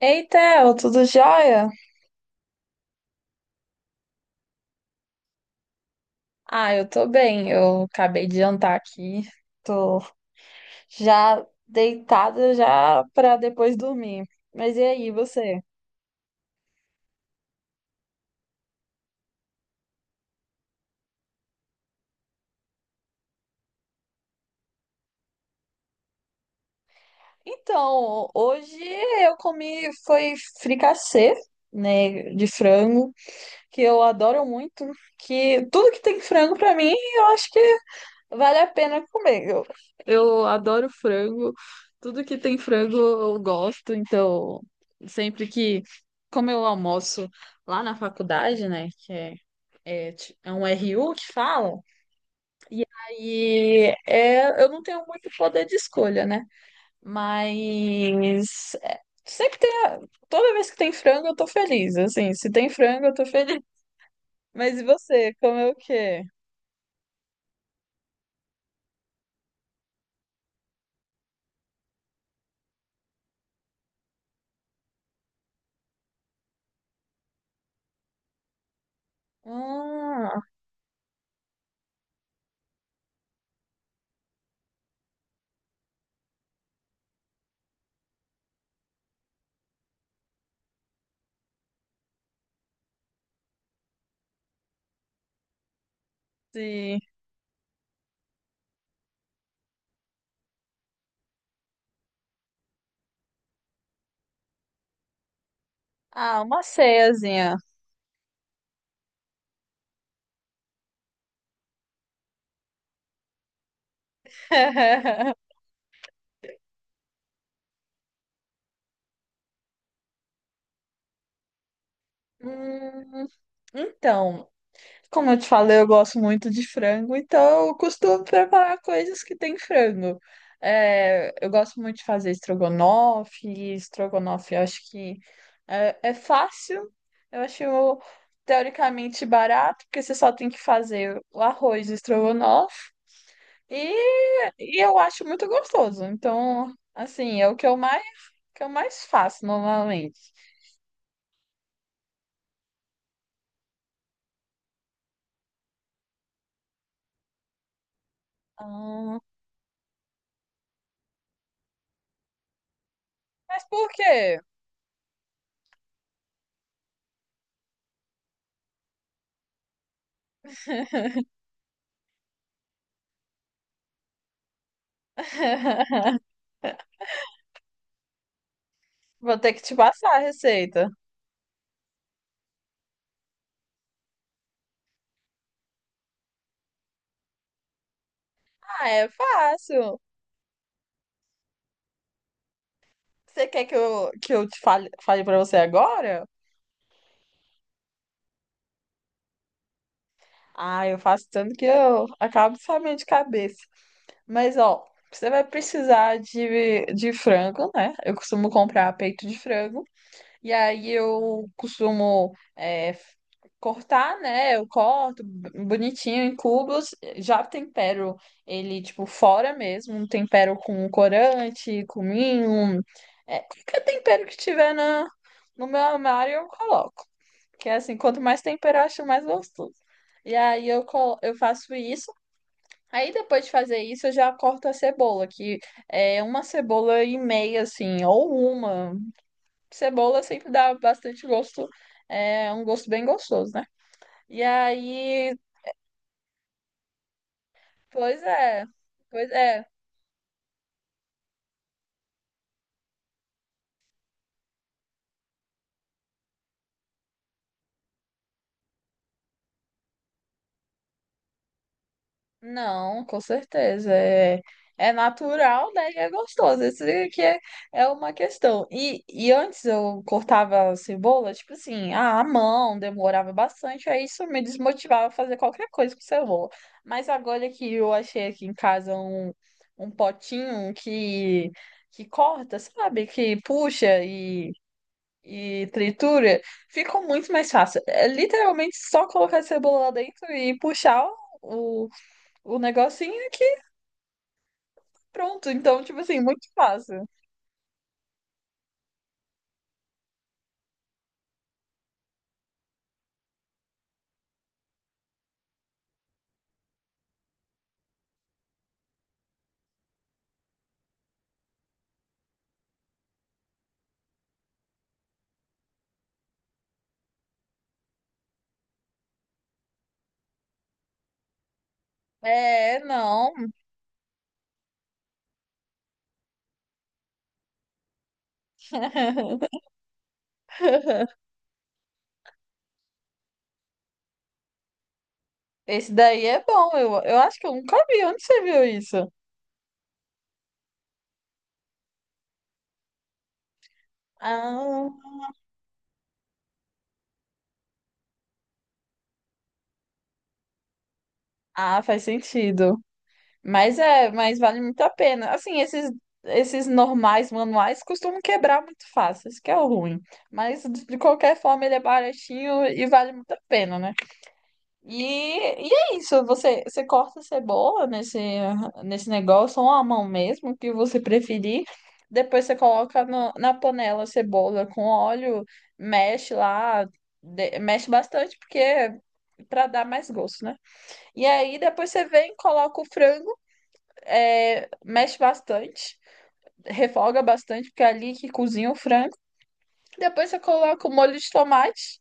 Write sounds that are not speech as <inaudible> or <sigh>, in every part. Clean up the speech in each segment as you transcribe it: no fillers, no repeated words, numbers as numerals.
Ei, Theo, tudo jóia? Ah, eu tô bem. Eu acabei de jantar aqui. Tô já deitada já pra depois dormir. Mas e aí, você? Então, hoje eu comi foi fricassê, né, de frango, que eu adoro muito, que tudo que tem frango pra mim, eu acho que vale a pena comer. Eu adoro frango. Tudo que tem frango eu gosto. Então, sempre que. Como eu almoço lá na faculdade, né? Que é, é, é um RU que fala. E aí é, eu não tenho muito poder de escolha, né? Mas. É, sempre tem. Toda vez que tem frango, eu tô feliz. Assim, se tem frango, eu tô feliz. <laughs> Mas e você? Comeu o quê? Ah, sim. Ah, uma ceiazinha. <laughs> Hum, então, como eu te falei, eu gosto muito de frango, então eu costumo preparar coisas que tem frango. É, eu gosto muito de fazer estrogonofe, e estrogonofe eu acho que é, é fácil, eu acho teoricamente barato, porque você só tem que fazer o arroz e o estrogonofe, e, e eu acho muito gostoso. Então, assim, é o que eu mais faço normalmente. Ah, mas por quê? <laughs> Vou ter que te passar a receita. Ah, é fácil. Você quer que eu te fale, fale para você agora? Ah, eu faço tanto que eu acabo de sabendo de cabeça. Mas, ó, você vai precisar de frango, né? Eu costumo comprar peito de frango. E aí eu costumo é, cortar, né? Eu corto bonitinho em cubos, já tempero ele, tipo, fora mesmo, um tempero com corante, cominho, é, qualquer tempero que tiver na, no meu armário eu coloco. Que é assim, quanto mais tempero, eu acho mais gostoso. E aí eu, eu faço isso. Aí depois de fazer isso, eu já corto a cebola, que é uma cebola e meia, assim, ou uma. Cebola sempre dá bastante gosto, é um gosto bem gostoso, né? E aí, pois é, pois é. Não, com certeza. É, é natural, né? E é gostoso. Isso que é, é uma questão. E antes eu cortava a cebola, tipo assim, ah, à mão, demorava bastante. Aí isso me desmotivava a fazer qualquer coisa com cebola. Mas agora que eu achei aqui em casa um, um potinho que corta, sabe? Que puxa e tritura, ficou muito mais fácil. É literalmente só colocar a cebola lá dentro e puxar o, o negocinho aqui, pronto. Então, tipo assim, muito fácil. É, não. <laughs> Esse daí é bom. Eu acho que eu nunca vi. Onde você viu isso? Ah, ah, faz sentido. Mas é, mas vale muito a pena. Assim, esses normais manuais costumam quebrar muito fácil, isso que é o ruim. Mas de qualquer forma ele é baratinho e vale muito a pena, né? E é isso, você, você corta a cebola nesse, nesse negócio, ou a mão mesmo, o que você preferir. Depois você coloca na panela a cebola com óleo, mexe lá, mexe bastante, porque para dar mais gosto, né? E aí depois você vem, coloca o frango, é, mexe bastante, refoga bastante, porque é ali que cozinha o frango. Depois você coloca o molho de tomate,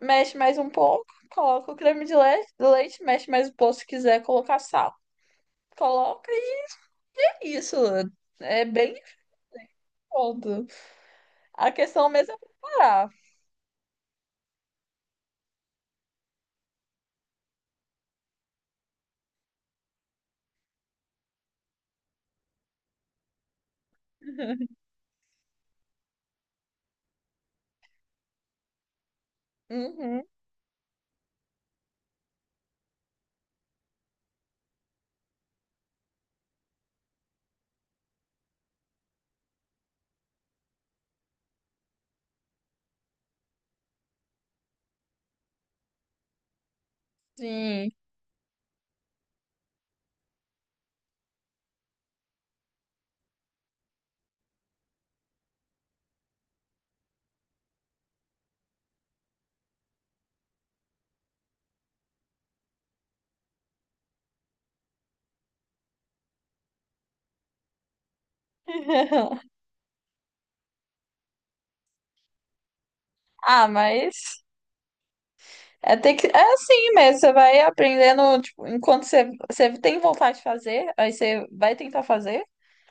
mexe mais um pouco, coloca o creme de leite, mexe mais um pouco se quiser colocar sal. Coloca e é isso. É bem foda. A questão mesmo é preparar. <laughs> Uhum, sim. <laughs> Ah, mas é, ter que, é assim mesmo. Você vai aprendendo, tipo, enquanto você, você tem vontade de fazer, aí você vai tentar fazer,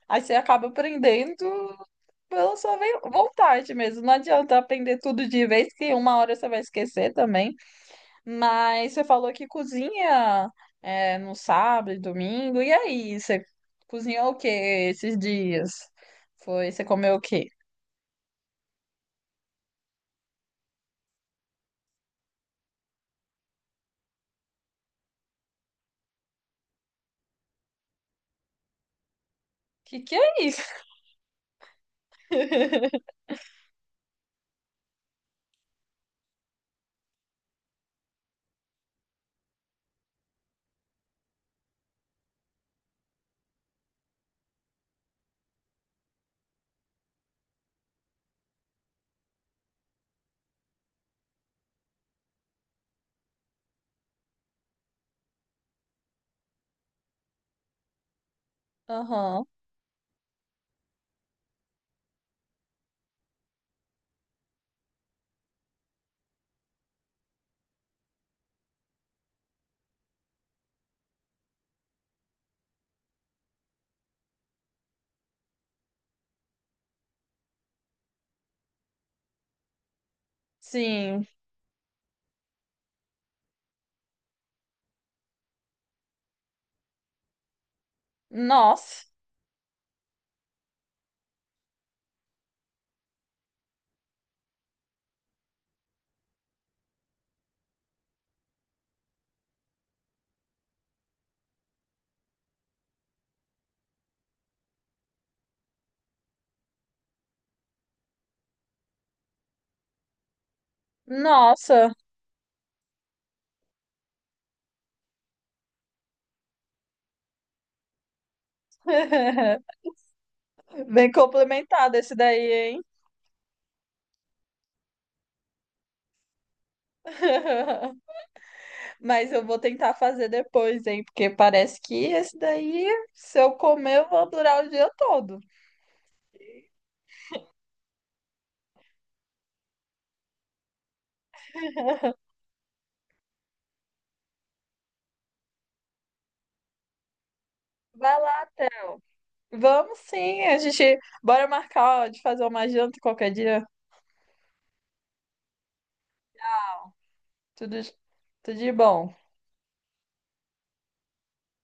aí você acaba aprendendo pela sua vontade mesmo. Não adianta aprender tudo de vez, que uma hora você vai esquecer também. Mas você falou que cozinha é, no sábado e domingo. E aí, você cozinhou o que esses dias? Foi, você comeu o quê? Que é isso? <laughs> Aham, sim. Nossa, nossa. <laughs> Bem complementado esse daí, hein? <laughs> Mas eu vou tentar fazer depois, hein? Porque parece que esse daí, se eu comer, eu vou durar o dia todo. Vai lá, Theo. Vamos sim, a gente bora marcar ó, de fazer uma janta qualquer dia. Tudo, tudo de bom.